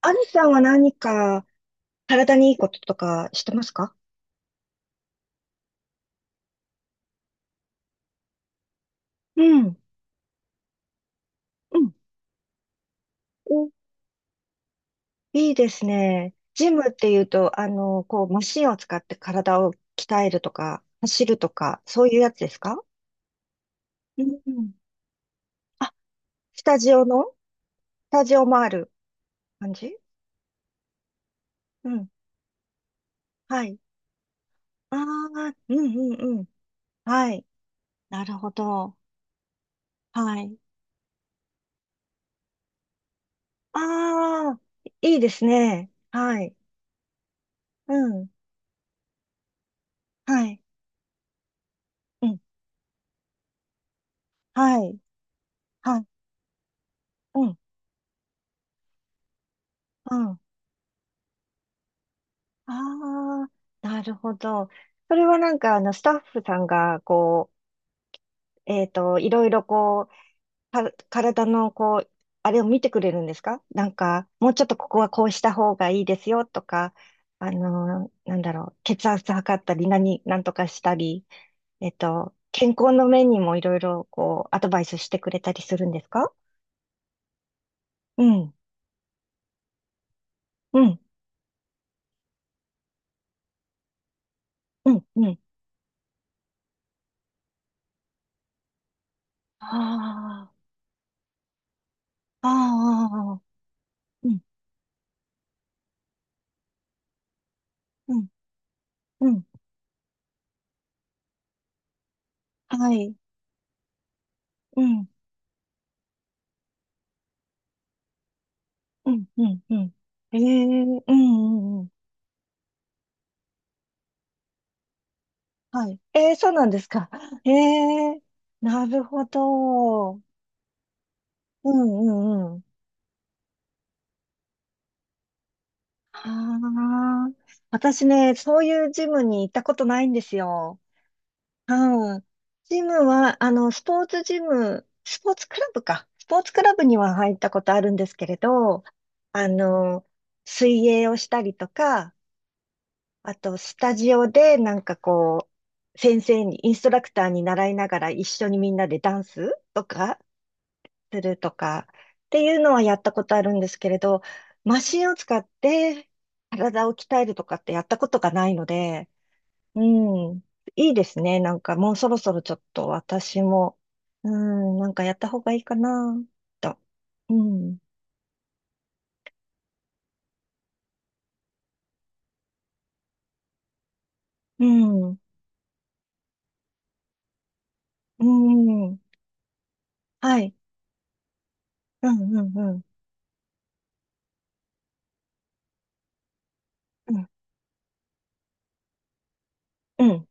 アミさんは何か体にいいこととかしてますか？うん。うん。お、いいですね。ジムっていうと、こう、マシンを使って体を鍛えるとか、走るとか、そういうやつですか？うんうん。あ、スタジオのスタジオもある感じ。うん。はい。ああ、うんうんうん。はい。なるほど。はい。ああ、いいですね。はい。うん。はい。うん。はい。はい。うん。うん。ああ、なるほど。それはなんか、スタッフさんが、こう、いろいろこう、体の、こう、あれを見てくれるんですか？なんか、もうちょっとここはこうした方がいいですよとか、なんだろう、血圧測ったり、なんとかしたり、健康の面にもいろいろ、こう、アドバイスしてくれたりするんですか？うん、うん、うん、うん。ああ、ああ、うん、うん、うん。はい、うん。うんうんうん。ええうんうんうん。はい。ええ、そうなんですか。ええ、なるほど。うんうんうん。ああ、私ね、そういうジムに行ったことないんですよ。うん。ジムは、スポーツジム、スポーツクラブか。スポーツクラブには入ったことあるんですけれど、あの、水泳をしたりとか、あと、スタジオで、なんかこう、先生に、インストラクターに習いながら一緒にみんなでダンスとかするとかっていうのはやったことあるんですけれど、マシンを使って体を鍛えるとかってやったことがないので、うん、いいですね。なんかもうそろそろちょっと私も、うん、なんかやった方がいいかな、と。うん、うん、うん、はい、うん、うん、うん、うん、うん、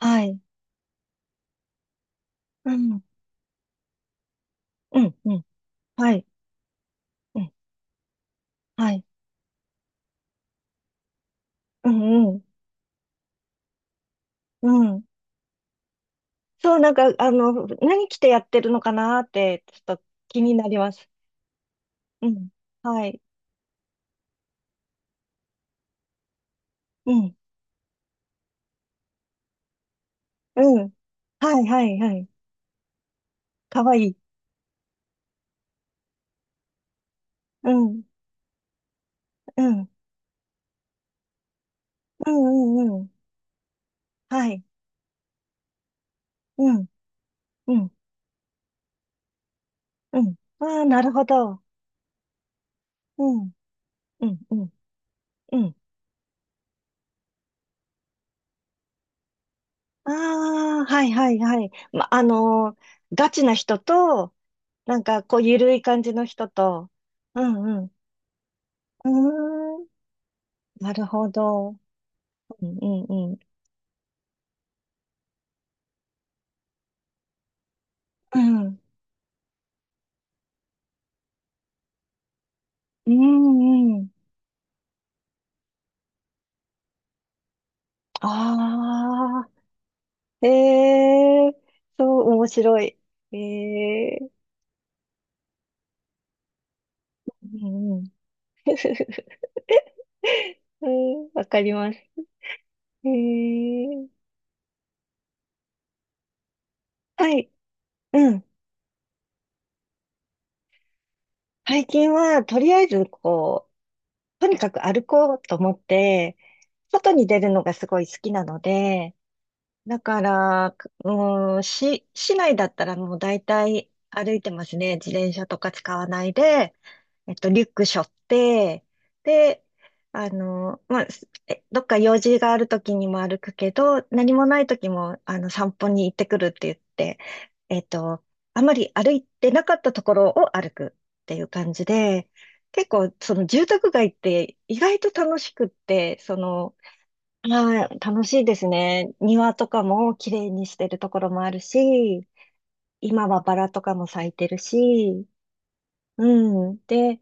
はい。うんうん、うん、はい、うん、はい、うん、うん、うん。そう、なんか、何着てやってるのかなーって、ちょっと気になります。うん、はい、うん、うん、はい、はい、はい、かわいい。うん、うん、うん、うん、うん、はい、うん、うん、うん。ああ、なるほど。うん、うん、うん、うん。ああ、はい、はい、はい。ま、ガチな人と、なんか、こう、ゆるい感じの人と、うん、うん。うーん、なるほど。うんうんうん。うん。うんうん。ああ、ええー、そう、面白い。ええー、うんうん。うん、わかります。ええ、はい、うん。最近は、とりあえず、こう、とにかく歩こうと思って、外に出るのがすごい好きなので、だから、うん、市内だったらもう大体歩いてますね。自転車とか使わないで、リュック背負って、で、まあ、すえどっか用事がある時にも歩くけど、何もない時も、散歩に行ってくるって言って、えっと、あまり歩いてなかったところを歩くっていう感じで、結構、その住宅街って意外と楽しくって、その、はい、楽しいですね。庭とかも綺麗にしてるところもあるし、今はバラとかも咲いてるし、うん。で、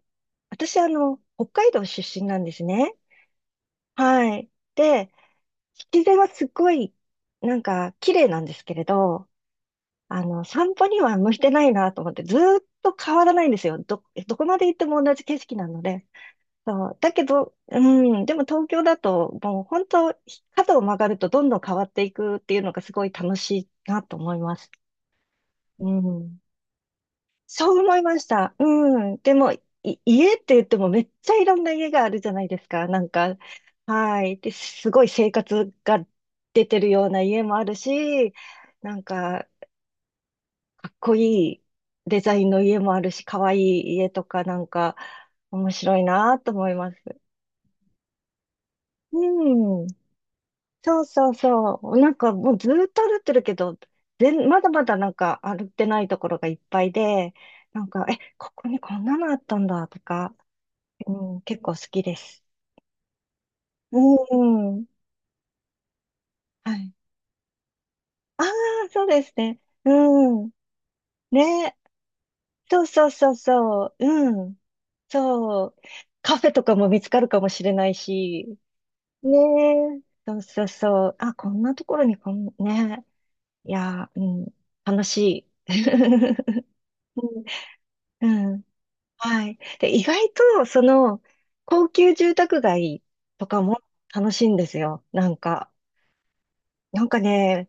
私、北海道出身なんですね。はい。で、自然はすっごい、なんか、綺麗なんですけれど、散歩には向いてないなと思って、ずーっと変わらないんですよ。どこまで行っても同じ景色なので。そう。だけど、うん、でも東京だと、もう本当、角を曲がるとどんどん変わっていくっていうのがすごい楽しいなと思います。うん。そう思いました。うん。でも、家って言ってもめっちゃいろんな家があるじゃないですか。なんか、はい。で、すごい生活が出てるような家もあるし、なんか、かっこいいデザインの家もあるし、かわいい家とか、なんか、面白いなと思います。うん。そうそうそう。なんかもうずーっと歩ってるけど、まだまだなんか歩ってないところがいっぱいで、なんか、え、ここにこんなのあったんだとか、うん、結構好きです。うんうん。はい。ああ、そうですね。うん。ね。そうそうそうそう。うん。そう。カフェとかも見つかるかもしれないし。ねえ。そうそうそう。あ、こんなところにこん、ね。いやー、うん。楽しい。うんうん。はい。で、意外と、その、高級住宅街とかも楽しいんですよ。なんか、なんかね、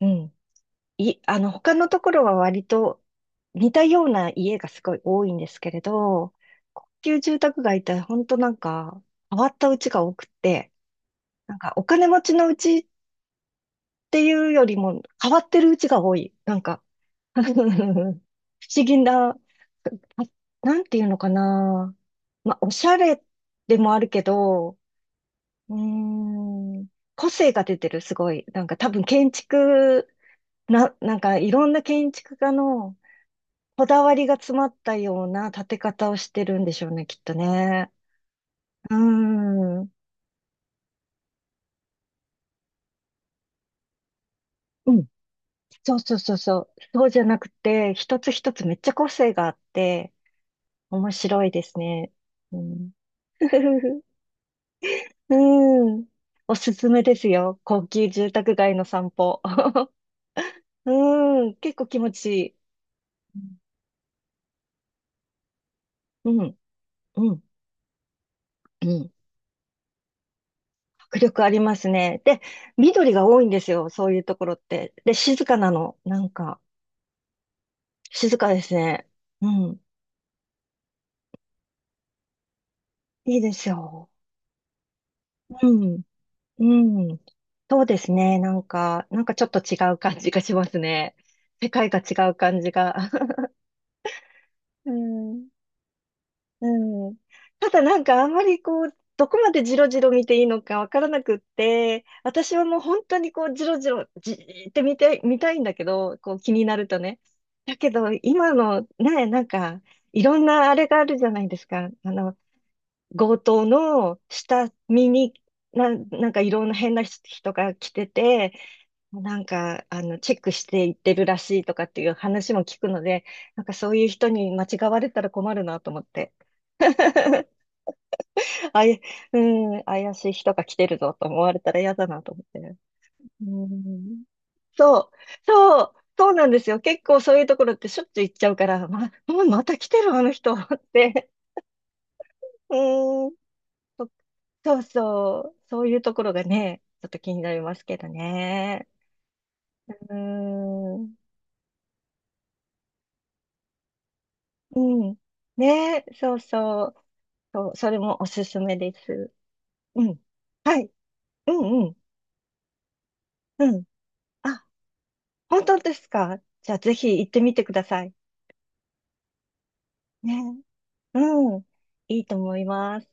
うん。他のところは割と似たような家がすごい多いんですけれど、高級住宅街って本当なんか、変わった家が多くって、なんか、お金持ちの家っていうよりも、変わってる家が多い。なんか、不思議な、あ、なんていうのかな。まあ、おしゃれでもあるけど、うーん、個性が出てる、すごい。なんか多分建築、なんかいろんな建築家のこだわりが詰まったような建て方をしてるんでしょうね、きっとね。うーん、うん、そうそうそうそう。そうじゃなくて、一つ一つめっちゃ個性があって、面白いですね。うん。 うん。おすすめですよ。高級住宅街の散歩。うん。結構気持ちいい。うん。うん。うん。迫力ありますね。で、緑が多いんですよ。そういうところって。で、静かなの。なんか、静かですね。うん。いいですよ。うん。うん。そうですね。なんか、なんかちょっと違う感じがしますね。世界が違う感じが。うん。うん。ただなんかあんまりこう、どこまでジロジロ見ていいのかわからなくって、私はもう本当にこう、ジロジロ、じーって見て、見たいんだけど、こう気になるとね。だけど、今のね、なんか、いろんなあれがあるじゃないですか。強盗の下見に、なんかいろんな変な人が来てて、なんか、チェックしていってるらしいとかっていう話も聞くので、なんかそういう人に間違われたら困るなと思って。あい、うん、怪しい人が来てるぞと思われたら嫌だなと思って。うん、そう、そう、そうなんですよ。結構そういうところってしょっちゅう行っちゃうから、ま、もうまた来てるあの人って。うん、そそうそう、そういうところがね、ちょっと気になりますけどね。うん、うん、ね、そうそう、そう、それもおすすめです。うん、はい、うん、うん、うん。あ、本当ですか？じゃあぜひ行ってみてください。ね。うん。いいと思います。